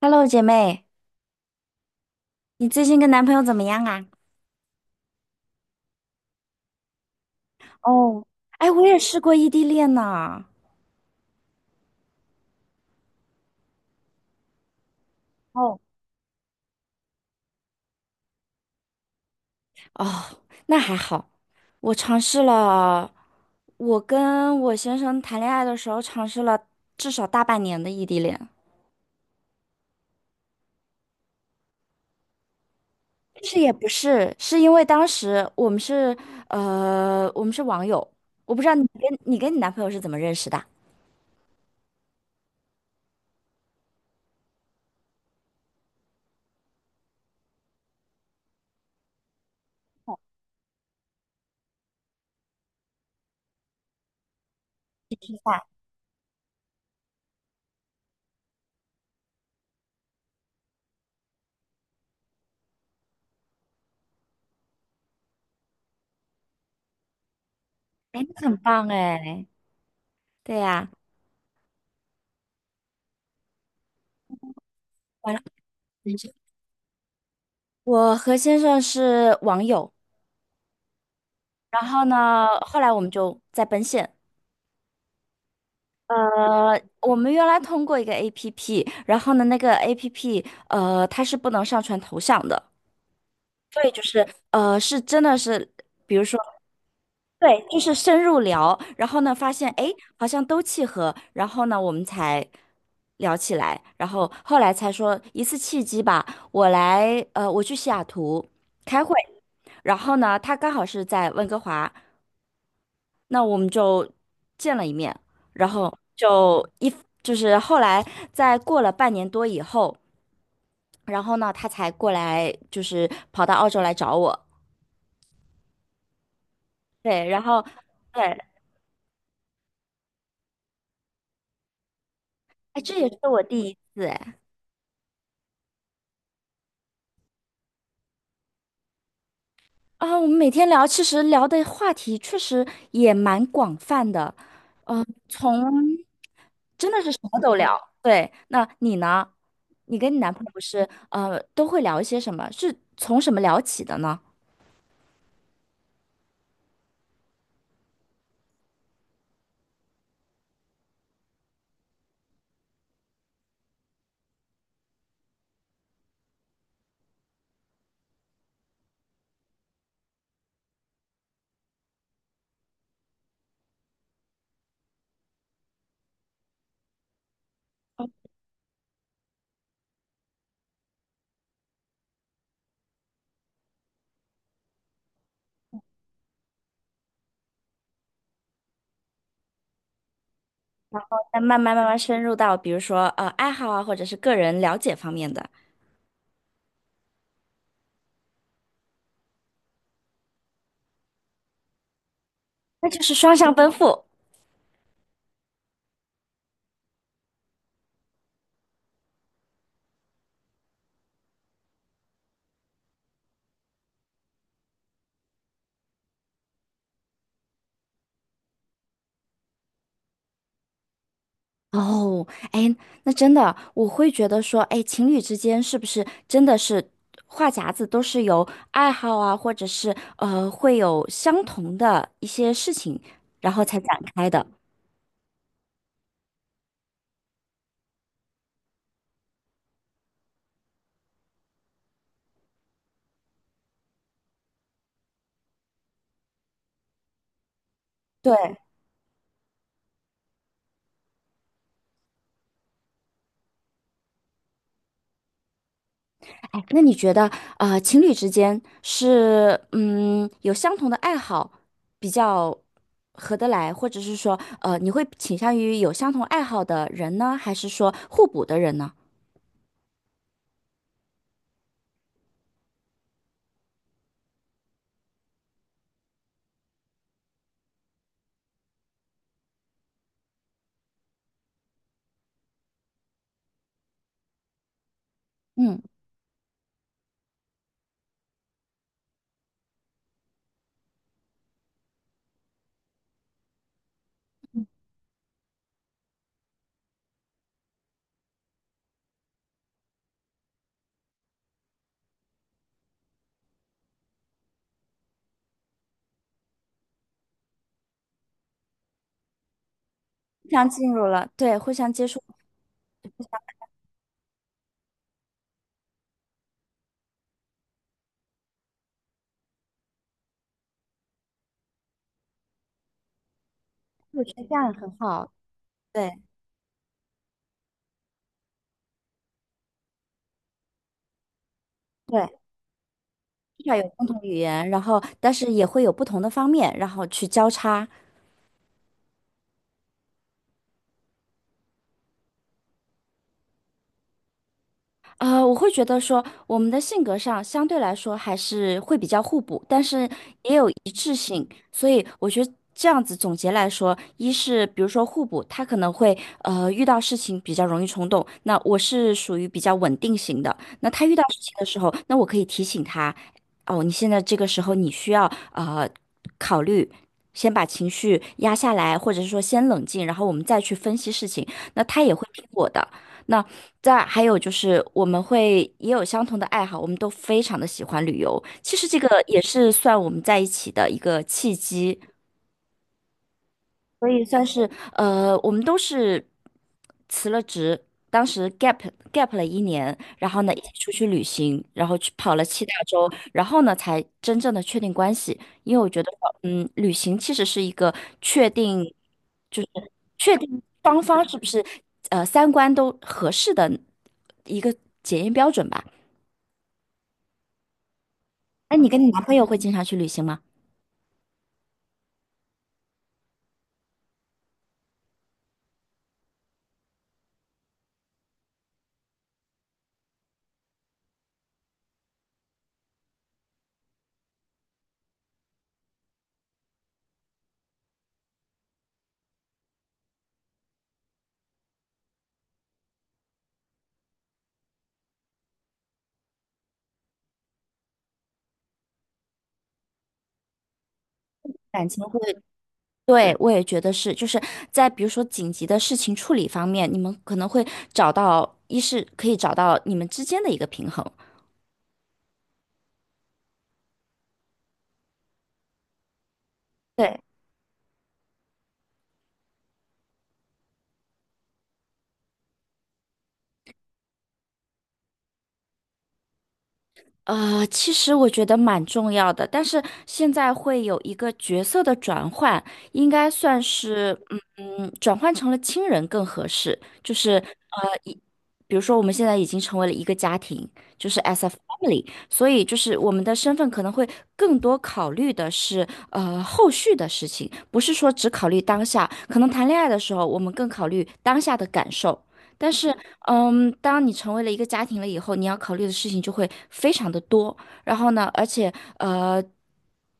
Hello，姐妹，你最近跟男朋友怎么样啊？哦。哎，我也试过异地恋呢。哦。哦，那还好。我尝试了，我跟我先生谈恋爱的时候尝试了至少大半年的异地恋。其是也不是，是因为当时我们是我们是网友。我不知道你跟你男朋友是怎么认识的？吃饭。哎，你很棒哎。对呀。完了，我和先生是网友。然后呢，后来我们就在奔现。我们原来通过一个 APP，然后呢，那个 APP，它是不能上传头像的，所以就是是真的是，比如说，对，就是深入聊，然后呢，发现哎，诶好像都契合，然后呢，我们才聊起来，然后后来才说一次契机吧。我来，我去西雅图开会。然后呢，他刚好是在温哥华，那我们就见了一面，然后就一就是后来在过了半年多以后，然后呢，他才过来，就是跑到澳洲来找我。对，然后对。哎，这也是我第一次哎。啊，我们每天聊，其实聊的话题确实也蛮广泛的。嗯、从真的是什么都聊。对，那你呢？你跟你男朋友是都会聊一些什么？是从什么聊起的呢？那慢慢慢慢深入到，比如说爱好啊，或者是个人了解方面的。那就是双向奔赴。哦。哎，那真的，我会觉得说，哎，情侣之间是不是真的是话匣子都是由爱好啊，或者是会有相同的一些事情，然后才展开的。对。哎，那你觉得，情侣之间是，嗯，有相同的爱好比较合得来，或者是说，你会倾向于有相同爱好的人呢，还是说互补的人呢？嗯。互相进入了，对，互相接触。我觉得这样很好。对对，至少有共同语言，然后但是也会有不同的方面，然后去交叉。我会觉得说，我们的性格上相对来说还是会比较互补，但是也有一致性，所以我觉得这样子总结来说，一是比如说互补，他可能会遇到事情比较容易冲动，那我是属于比较稳定型的，那他遇到事情的时候，那我可以提醒他，哦，你现在这个时候你需要考虑。先把情绪压下来，或者是说先冷静，然后我们再去分析事情，那他也会听我的。那再还有就是，我们会也有相同的爱好，我们都非常的喜欢旅游。其实这个也是算我们在一起的一个契机。所以算是我们都是辞了职，当时 gap 了一年，然后呢一起出去旅行，然后去跑了七大洲，然后呢才真正的确定关系。因为我觉得，嗯，旅行其实是一个确定，就是确定双方是不是三观都合适的一个检验标准吧。那你跟你男朋友会经常去旅行吗？感情会？对，我也觉得是，就是在比如说紧急的事情处理方面，你们可能会找到，一是可以找到你们之间的一个平衡。对，其实我觉得蛮重要的，但是现在会有一个角色的转换，应该算是嗯。嗯，转换成了亲人更合适。就是,比如说我们现在已经成为了一个家庭，就是 as a family,所以就是我们的身份可能会更多考虑的是后续的事情，不是说只考虑当下。可能谈恋爱的时候，我们更考虑当下的感受，但是。嗯，当你成为了一个家庭了以后，你要考虑的事情就会非常的多。然后呢，而且呃，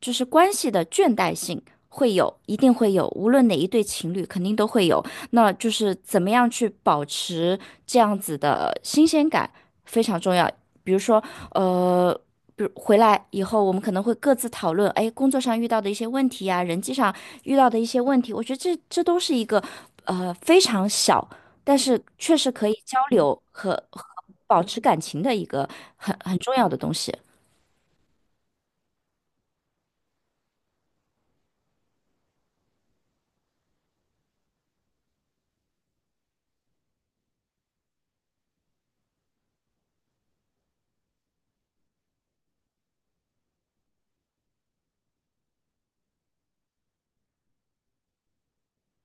就是关系的倦怠性会有，一定会有，无论哪一对情侣肯定都会有。那就是怎么样去保持这样子的新鲜感非常重要。比如说，呃。比如回来以后，我们可能会各自讨论，哎，工作上遇到的一些问题呀、人际上遇到的一些问题，我觉得这都是一个，非常小。但是确实可以交流和保持感情的一个很重要的东西。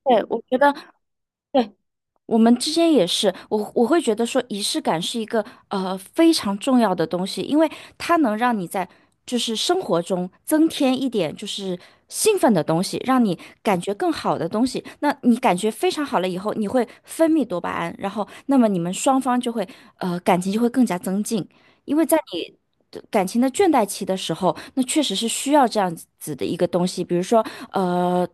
对，我觉得，对，我们之间也是，我会觉得说仪式感是一个非常重要的东西，因为它能让你在就是生活中增添一点就是兴奋的东西，让你感觉更好的东西。那你感觉非常好了以后，你会分泌多巴胺，然后那么你们双方就会感情就会更加增进。因为在你的感情的倦怠期的时候，那确实是需要这样子的一个东西，比如说，呃，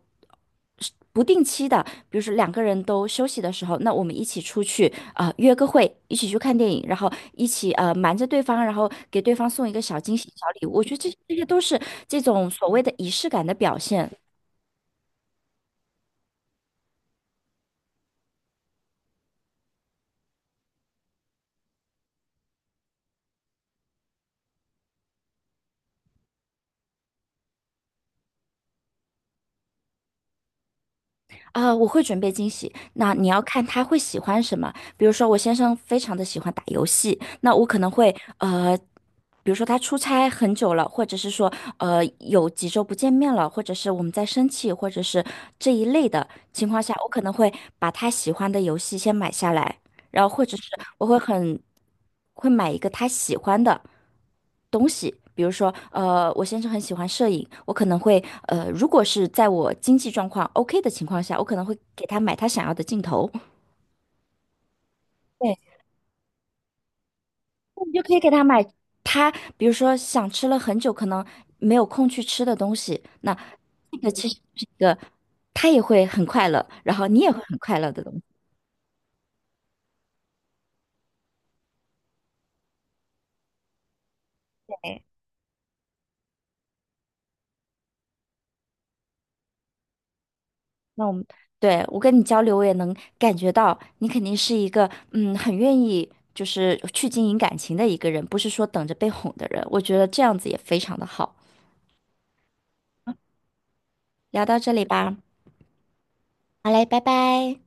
不定期的，比如说两个人都休息的时候，那我们一起出去啊、约个会，一起去看电影，然后一起瞒着对方，然后给对方送一个小惊喜、小礼物，我觉得这些都是这种所谓的仪式感的表现。啊、我会准备惊喜。那你要看他会喜欢什么。比如说，我先生非常的喜欢打游戏，那我可能会比如说他出差很久了，或者是说有几周不见面了，或者是我们在生气，或者是这一类的情况下，我可能会把他喜欢的游戏先买下来。然后或者是我会买一个他喜欢的东西，比如说，我先生很喜欢摄影，我可能会，如果是在我经济状况 OK 的情况下，我可能会给他买他想要的镜头。对，那你就可以给他买他，比如说想吃了很久，可能没有空去吃的东西，那这个其实是一个他也会很快乐，然后你也会很快乐的东西。那我们对我跟你交流，我也能感觉到你肯定是一个嗯很愿意就是去经营感情的一个人，不是说等着被哄的人。我觉得这样子也非常的好。聊到这里吧，好嘞，拜拜。